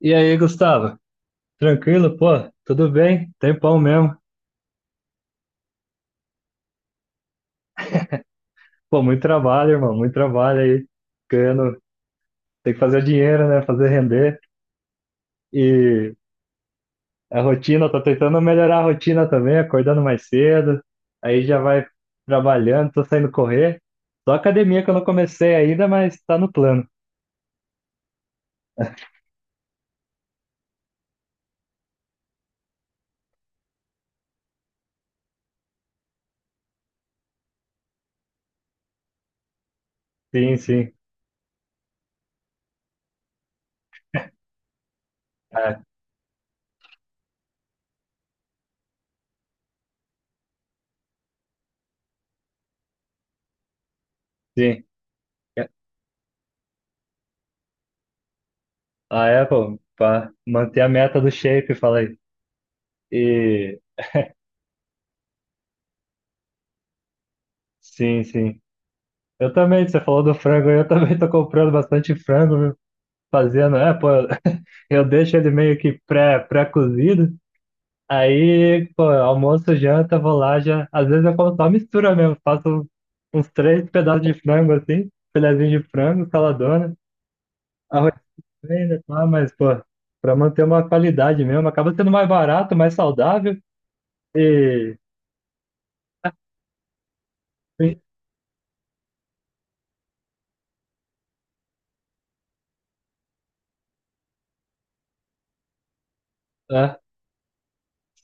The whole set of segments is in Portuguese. E aí, Gustavo? Tranquilo? Pô, tudo bem? Tempão mesmo. Pô, muito trabalho, irmão, muito trabalho aí. Ganhando, tem que fazer dinheiro, né? Fazer render. E a rotina, tô tentando melhorar a rotina também, acordando mais cedo. Aí já vai trabalhando, tô saindo correr. Só academia que eu não comecei ainda, mas tá no plano. Sim, sim. Ah, sim. A Apple, pra manter a meta do shape, falei. E sim, sim. Eu também, você falou do frango, eu também tô comprando bastante frango, fazendo, pô, eu deixo ele meio que pré-cozido, aí, pô, almoço, janta, vou lá, já, às vezes eu como só mistura mesmo, faço uns três pedaços de frango assim, filezinho de frango, saladona, arroz e tá, mas, pô, pra manter uma qualidade mesmo, acaba sendo mais barato, mais saudável e, sim, é,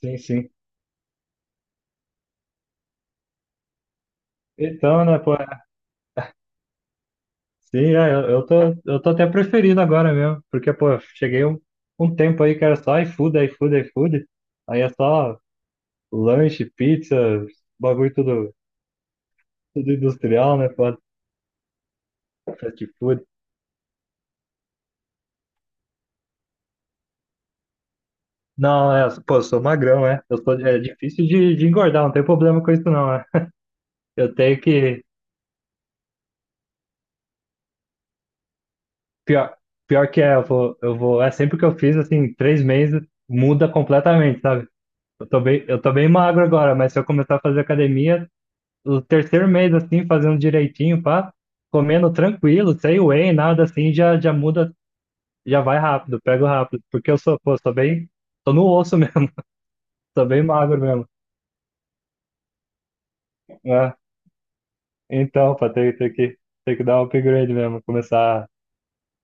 sim, sim. Então, né, pô, sim, é, eu tô até preferindo agora mesmo, porque, pô, eu cheguei um tempo aí que era só iFood, iFood, iFood, aí é só lanche, pizza, bagulho tudo, tudo industrial, né, pô, fast food. Não, é, pô, eu sou magrão, é, eu sou, é difícil de engordar, não tem problema com isso não, é. Eu tenho que, pior, pior que é, é sempre que eu fiz, assim, 3 meses, muda completamente, sabe? Eu tô bem magro agora, mas se eu começar a fazer academia, o terceiro mês, assim, fazendo direitinho, pá, comendo tranquilo, sem whey, nada assim, já muda, já vai rápido, pego rápido, porque eu sou, pô, sou bem, tô no osso mesmo, tô bem magro mesmo, né? Então, pá, tem que dar um upgrade mesmo, começar,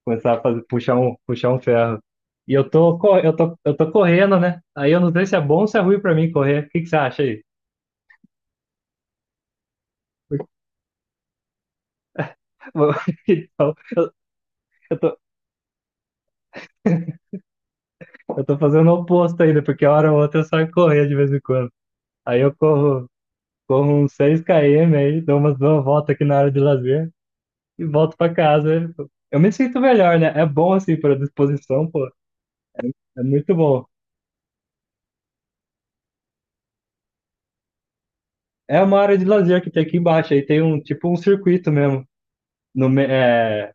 começar a fazer, puxar um ferro. E eu tô correndo, né? Aí eu não sei se é bom ou se é ruim pra mim correr, o que que você acha aí? Então, eu tô, eu tô fazendo o oposto ainda, porque hora ou outra eu saio correr de vez em quando. Aí eu corro uns 6 km aí, dou umas duas voltas aqui na área de lazer e volto pra casa. Eu me sinto melhor, né? É bom assim pra disposição, pô. É muito bom. É uma área de lazer que tem aqui embaixo, aí tem um tipo um circuito mesmo. No, me- é,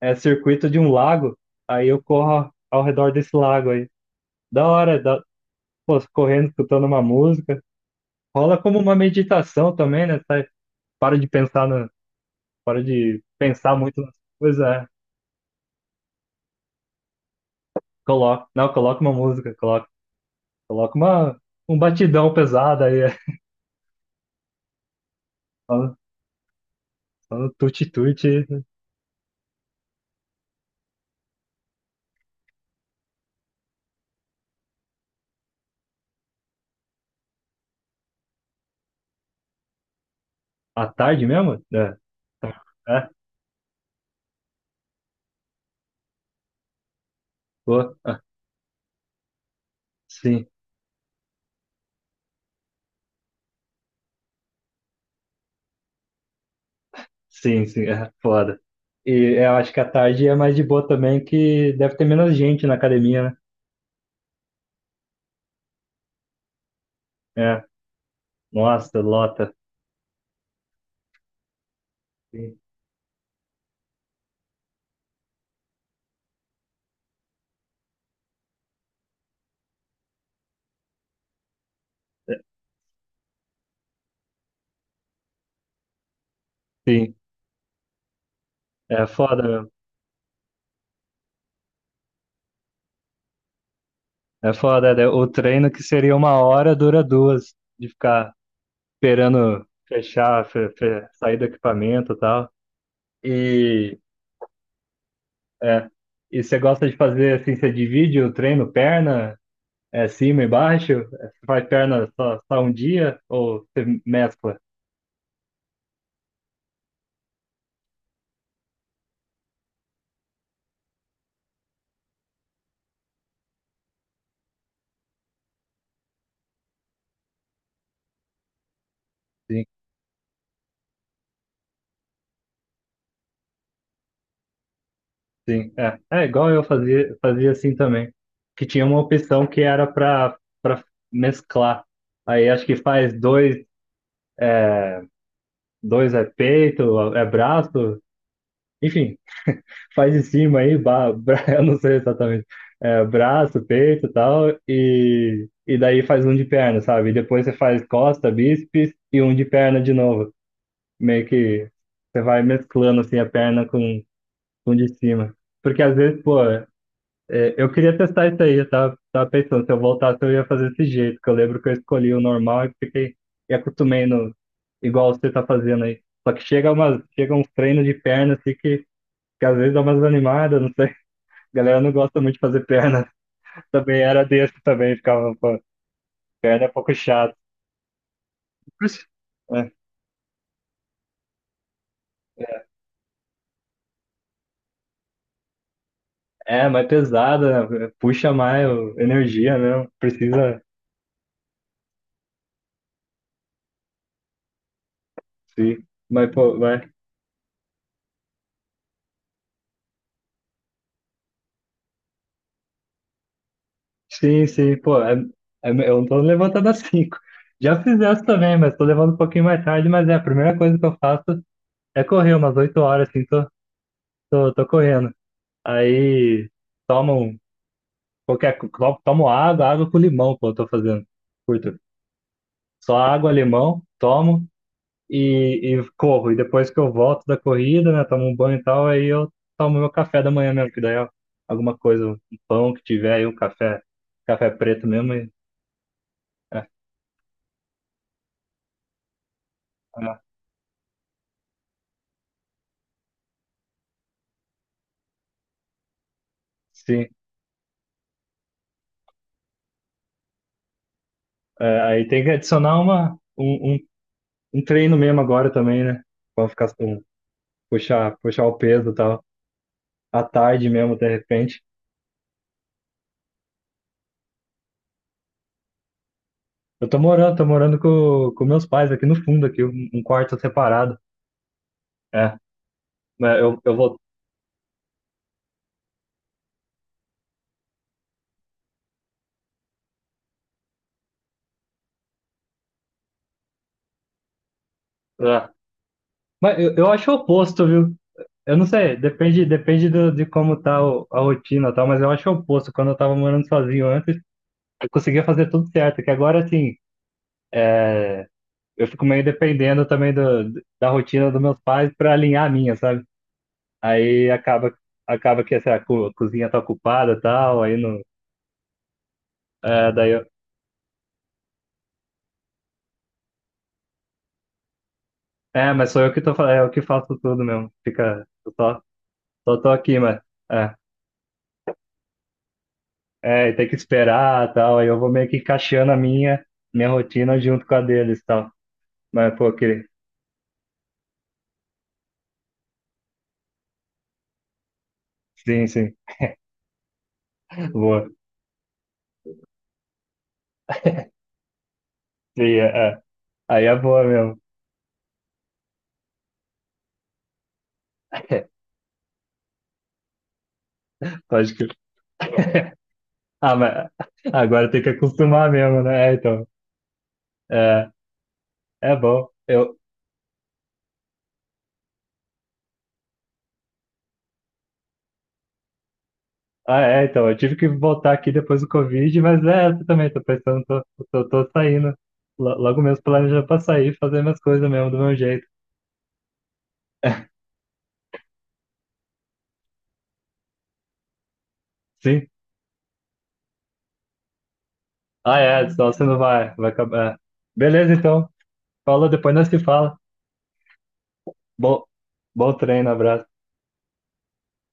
é circuito de um lago, aí eu corro ao redor desse lago aí. Da hora, pô, correndo, escutando uma música. Rola como uma meditação também, né? Sai, para de pensar na, para de pensar muito nas coisas, é. Coloca, não, coloca uma música, coloca. Coloca um batidão pesado aí, é. só no só no tuti-tuti. À tarde mesmo? É, é, pô, ah, sim, sim, sim, é foda. E é, eu acho que à tarde é mais de boa também, que deve ter menos gente na academia, né? É, nossa, lota. Sim, é, sim, é foda mesmo. É foda, né? O treino que seria 1 hora dura 2, de ficar esperando fechar, sair do equipamento e tal. E é. E você gosta de fazer assim, você divide o treino, perna, é cima e baixo? É, você faz perna só um dia ou você mescla? Sim, sim. É, é igual eu fazia assim também. Que tinha uma opção que era para mesclar. Aí acho que faz dois, dois é peito, é braço, enfim. Faz em cima aí, eu não sei exatamente, é, braço, peito e tal, e, daí faz um de perna, sabe? E depois você faz costa, bíceps e um de perna de novo. Meio que você vai mesclando assim a perna com o de cima. Porque às vezes, pô, eu queria testar isso aí, eu tava pensando, se eu voltasse eu ia fazer desse jeito, que eu lembro que eu escolhi o normal e fiquei, e acostumei no, igual você tá fazendo aí. Só que chega, chega uns treinos de perna assim que às vezes dá umas animadas, não sei. A galera não gosta muito de fazer perna. Também era desse também, ficava, pô, perna é um pouco chato. Puxa, é, é, mas pesada, né? Puxa mais energia mesmo, precisa, sim. Mas, pô, mas, sim, sim, pô, é, é, eu não tô levantando às 5. Já fiz essa também, mas tô levando um pouquinho mais tarde, mas é, a primeira coisa que eu faço é correr umas 8 horas, assim, tô correndo. Aí, tomo um- qualquer, co- tomo água, água com limão, pô, eu tô fazendo. Curto Só água, limão, tomo e corro. E depois que eu volto da corrida, né, tomo um banho e tal, aí eu tomo meu café da manhã mesmo, que daí é alguma coisa, um pão que tiver aí, um café, café preto mesmo. E, é, é, sim. É, aí tem que adicionar um treino mesmo agora também, né? Pra ficar puxar o peso e tal. À tarde mesmo, de repente. Eu tô morando com meus pais aqui no fundo, aqui, um quarto separado. É, mas eu vou. É, mas eu acho o oposto, viu? Eu não sei, depende de como tá a rotina e tal, mas eu acho o oposto. Quando eu tava morando sozinho antes, eu conseguia fazer tudo certo, que agora, assim, é, eu fico meio dependendo também da rotina dos meus pais pra alinhar a minha, sabe? Aí acaba que essa cozinha tá ocupada e tal, aí não... É, mas sou eu que tô, eu que faço tudo mesmo. Fica, eu só tô aqui, mas... é. É, e tem que esperar tal. Aí eu vou meio que encaixando a minha, rotina junto com a deles tal. Mas, pô, que... sim, sim, boa. Sim, é, é. Aí é boa mesmo. Pode que. Ah, mas agora tem que acostumar mesmo, né? É, então. É, é bom. Eu... Ah, é, então. Eu tive que voltar aqui depois do Covid, mas é essa também. Tô pensando, tô saindo. Logo mesmo planejando pra sair, fazer minhas coisas mesmo do meu jeito. Sim. Ah, é, senão você não vai, vai acabar. Beleza, então. Falou, depois nós se fala. Bom, bom treino, abraço.